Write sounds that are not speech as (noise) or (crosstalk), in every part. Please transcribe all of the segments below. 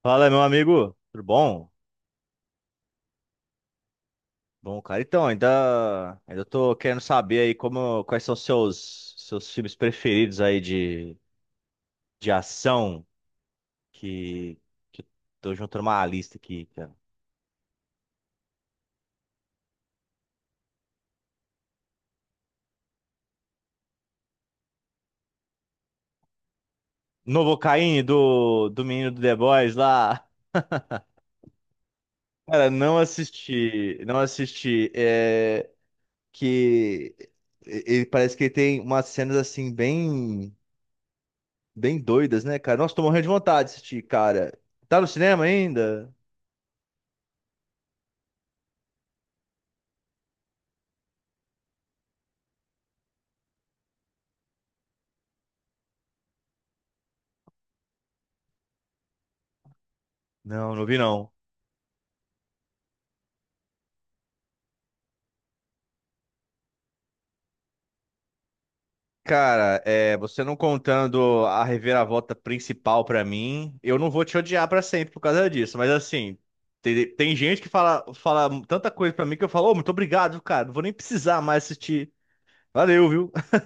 Fala, meu amigo, tudo bom? Bom, cara, então, ainda tô querendo saber aí como, quais são os seus filmes preferidos aí de ação, que, que eu tô juntando uma lista aqui, cara. Novocaine, do menino do The Boys lá. (laughs) Cara, não assisti, não assisti, que ele parece que ele tem umas cenas, assim, bem, bem doidas, né, cara? Nossa, tô morrendo de vontade de assistir, cara. Tá no cinema ainda? Não, não vi não. Cara, é, você não contando a reviravolta principal pra mim, eu não vou te odiar pra sempre por causa disso. Mas assim, tem gente que fala, fala tanta coisa pra mim que eu falo, ô, muito obrigado, cara. Não vou nem precisar mais assistir. Valeu, viu? (laughs)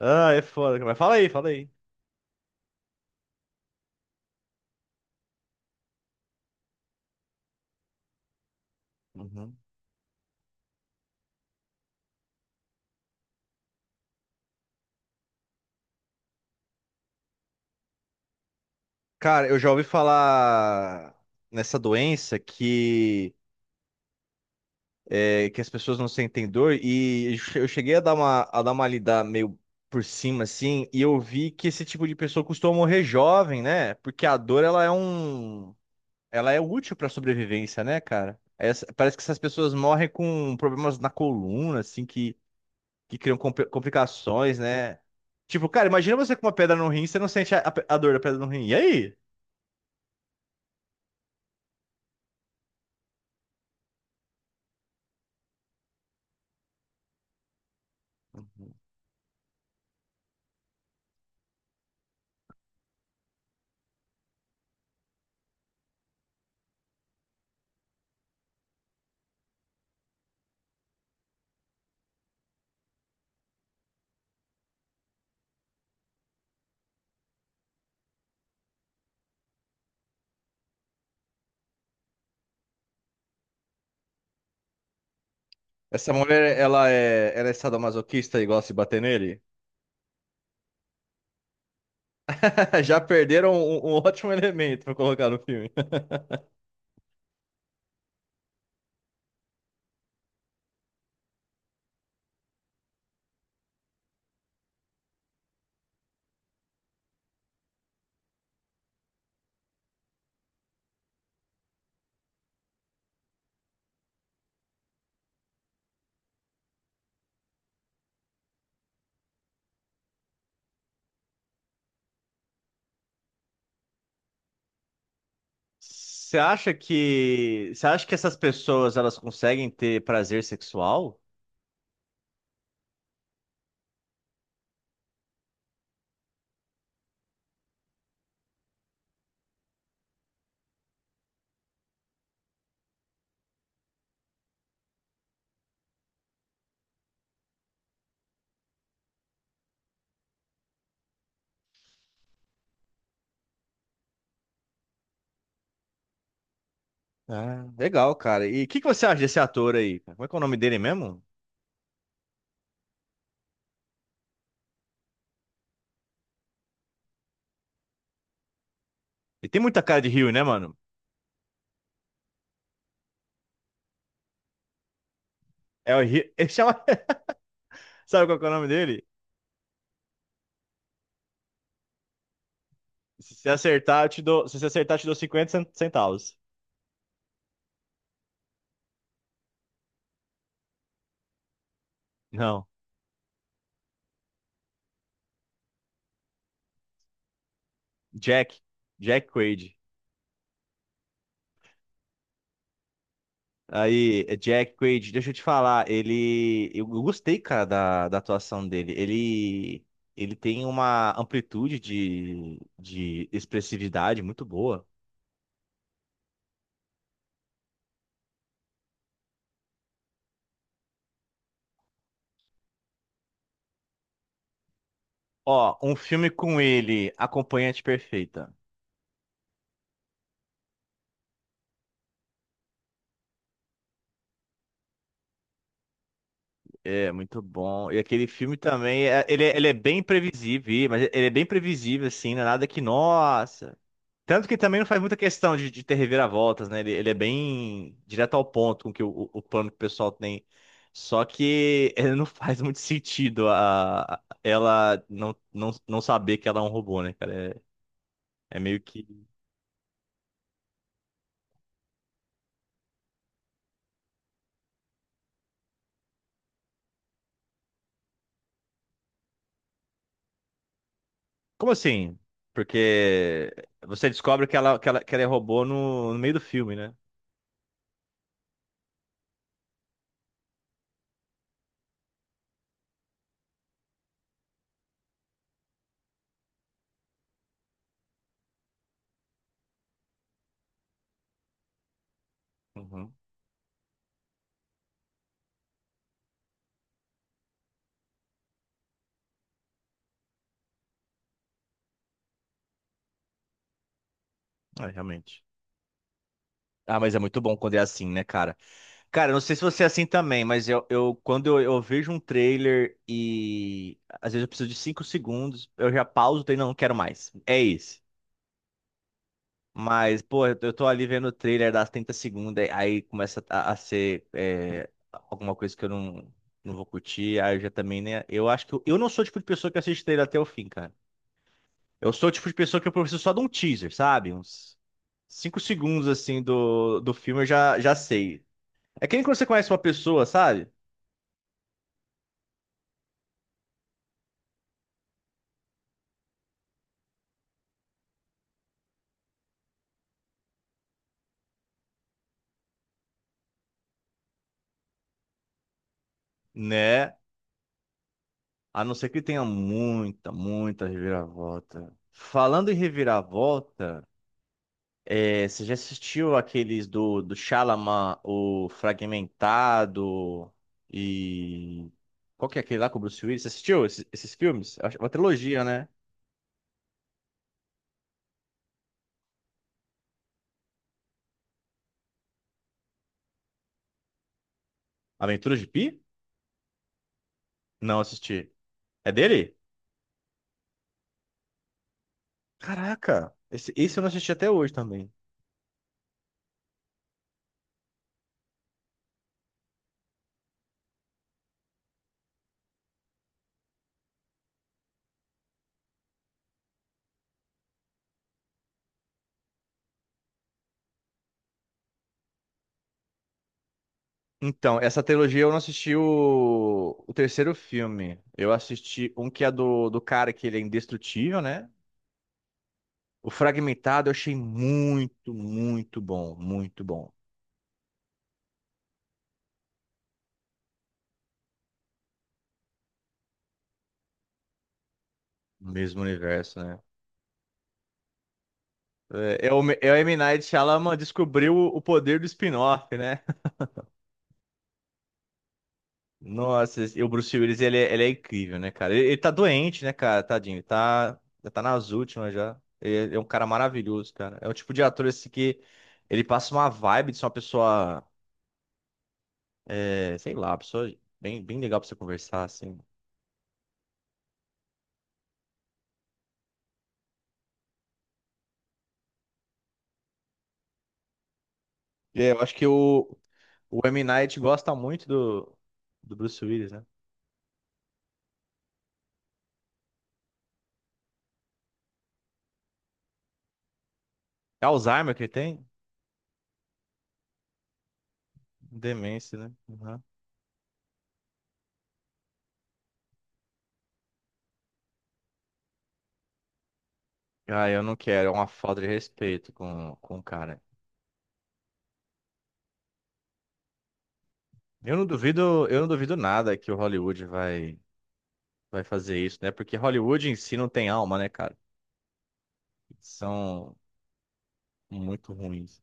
Ah, é foda, cara. Mas fala aí, fala aí. Uhum. Cara, eu já ouvi falar nessa doença que é, que as pessoas não sentem dor, e eu cheguei a dar uma lida meio por cima, assim, e eu vi que esse tipo de pessoa costuma morrer jovem, né? Porque a dor, ela é um... Ela é útil para sobrevivência, né, cara? Essa- parece que essas pessoas morrem com problemas na coluna, assim, que criam complicações, né? Tipo, cara, imagina você com uma pedra no rim, você não sente a, a dor da pedra no rim. E aí? Essa mulher, ela é sadomasoquista e gosta de bater nele? (laughs) Já perderam um, um ótimo elemento para colocar no filme. Você acha que essas pessoas elas conseguem ter prazer sexual? Ah, legal, cara. E o que que você acha desse ator aí, cara? Como é que é o nome dele mesmo? Ele tem muita cara de Rio, né, mano? É o Rio. Ele chama... (laughs) Sabe qual que é o nome dele? Se você acertar, eu te dou... Se você acertar, eu te dou centavos. Não. Jack. Jack Quaid. Aí, Jack Quaid, deixa eu te falar, ele. Eu gostei, cara, da, da atuação dele. Ele. Ele tem uma amplitude de expressividade muito boa. Ó, um filme com ele, Acompanhante Perfeita. É, muito bom. E aquele filme também, ele é bem previsível, mas ele é bem previsível, assim, não é nada que, nossa. Tanto que também não faz muita questão de ter reviravoltas, né? Ele é bem direto ao ponto com que o, o plano que o pessoal tem. Só que (laughs) ele não faz muito sentido a, ela não, não, não saber que ela é um robô, né, cara? É, é meio que. Como assim? Porque você descobre que ela, que ela, que ela é robô no, no meio do filme, né? Uhum. É, realmente. Ah, mas é muito bom quando é assim, né, cara? Cara, eu não sei se você é assim também, mas eu quando eu vejo um trailer e às vezes eu preciso de 5 segundos, eu já pauso e não, não quero mais. É isso. Mas, pô, eu tô ali vendo o trailer das 30 segundos, aí começa a ser é, alguma coisa que eu não, não vou curtir, aí eu já também, né? Eu acho que eu não sou o tipo de pessoa que assiste trailer até o fim, cara. Eu sou o tipo de pessoa que eu preciso só de um teaser, sabe? Uns 5 segundos, assim, do, do filme eu já, já sei. É que nem quando você conhece uma pessoa, sabe? Né? A não ser que tenha muita, muita reviravolta. Falando em reviravolta, é, você já assistiu aqueles do, do Shyamalan, o Fragmentado e... Qual que é aquele lá com o Bruce Willis? Você assistiu esses, esses filmes? Uma trilogia, né? Aventuras de Pi? Não, assisti. É dele? Caraca! Esse eu não assisti até hoje também. Então, essa trilogia eu não assisti o terceiro filme. Eu assisti um que é do, do cara que ele é indestrutível, né? O Fragmentado eu achei muito, muito bom. Muito bom. Mesmo universo, né? É, é o, é o M. Night Shyamalan descobriu o poder do spin-off, né? (laughs) Nossa, o Bruce Willis, ele, ele é incrível, né, cara? Ele tá doente, né, cara? Tadinho. Ele tá, já tá nas últimas já. Ele é um cara maravilhoso, cara. É o tipo de ator, assim, que ele passa uma vibe de ser uma pessoa, é, sei lá, uma pessoa bem, bem legal pra você conversar, assim. É, eu acho que o M. Night gosta muito do, do Bruce Willis, né? É Alzheimer que ele tem? Demência, né? Uhum. Ah, eu não quero. É uma falta de respeito com o cara. Eu não duvido nada que o Hollywood vai, vai fazer isso, né? Porque Hollywood em si não tem alma, né, cara? São muito ruins.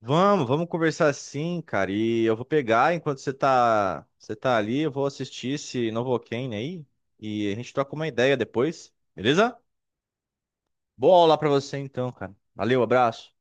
Vamos, vamos conversar sim, cara. E eu vou pegar enquanto você tá ali, eu vou assistir esse Novocaine aí e a gente troca uma ideia depois, beleza? Boa aula pra você então, cara. Valeu, abraço.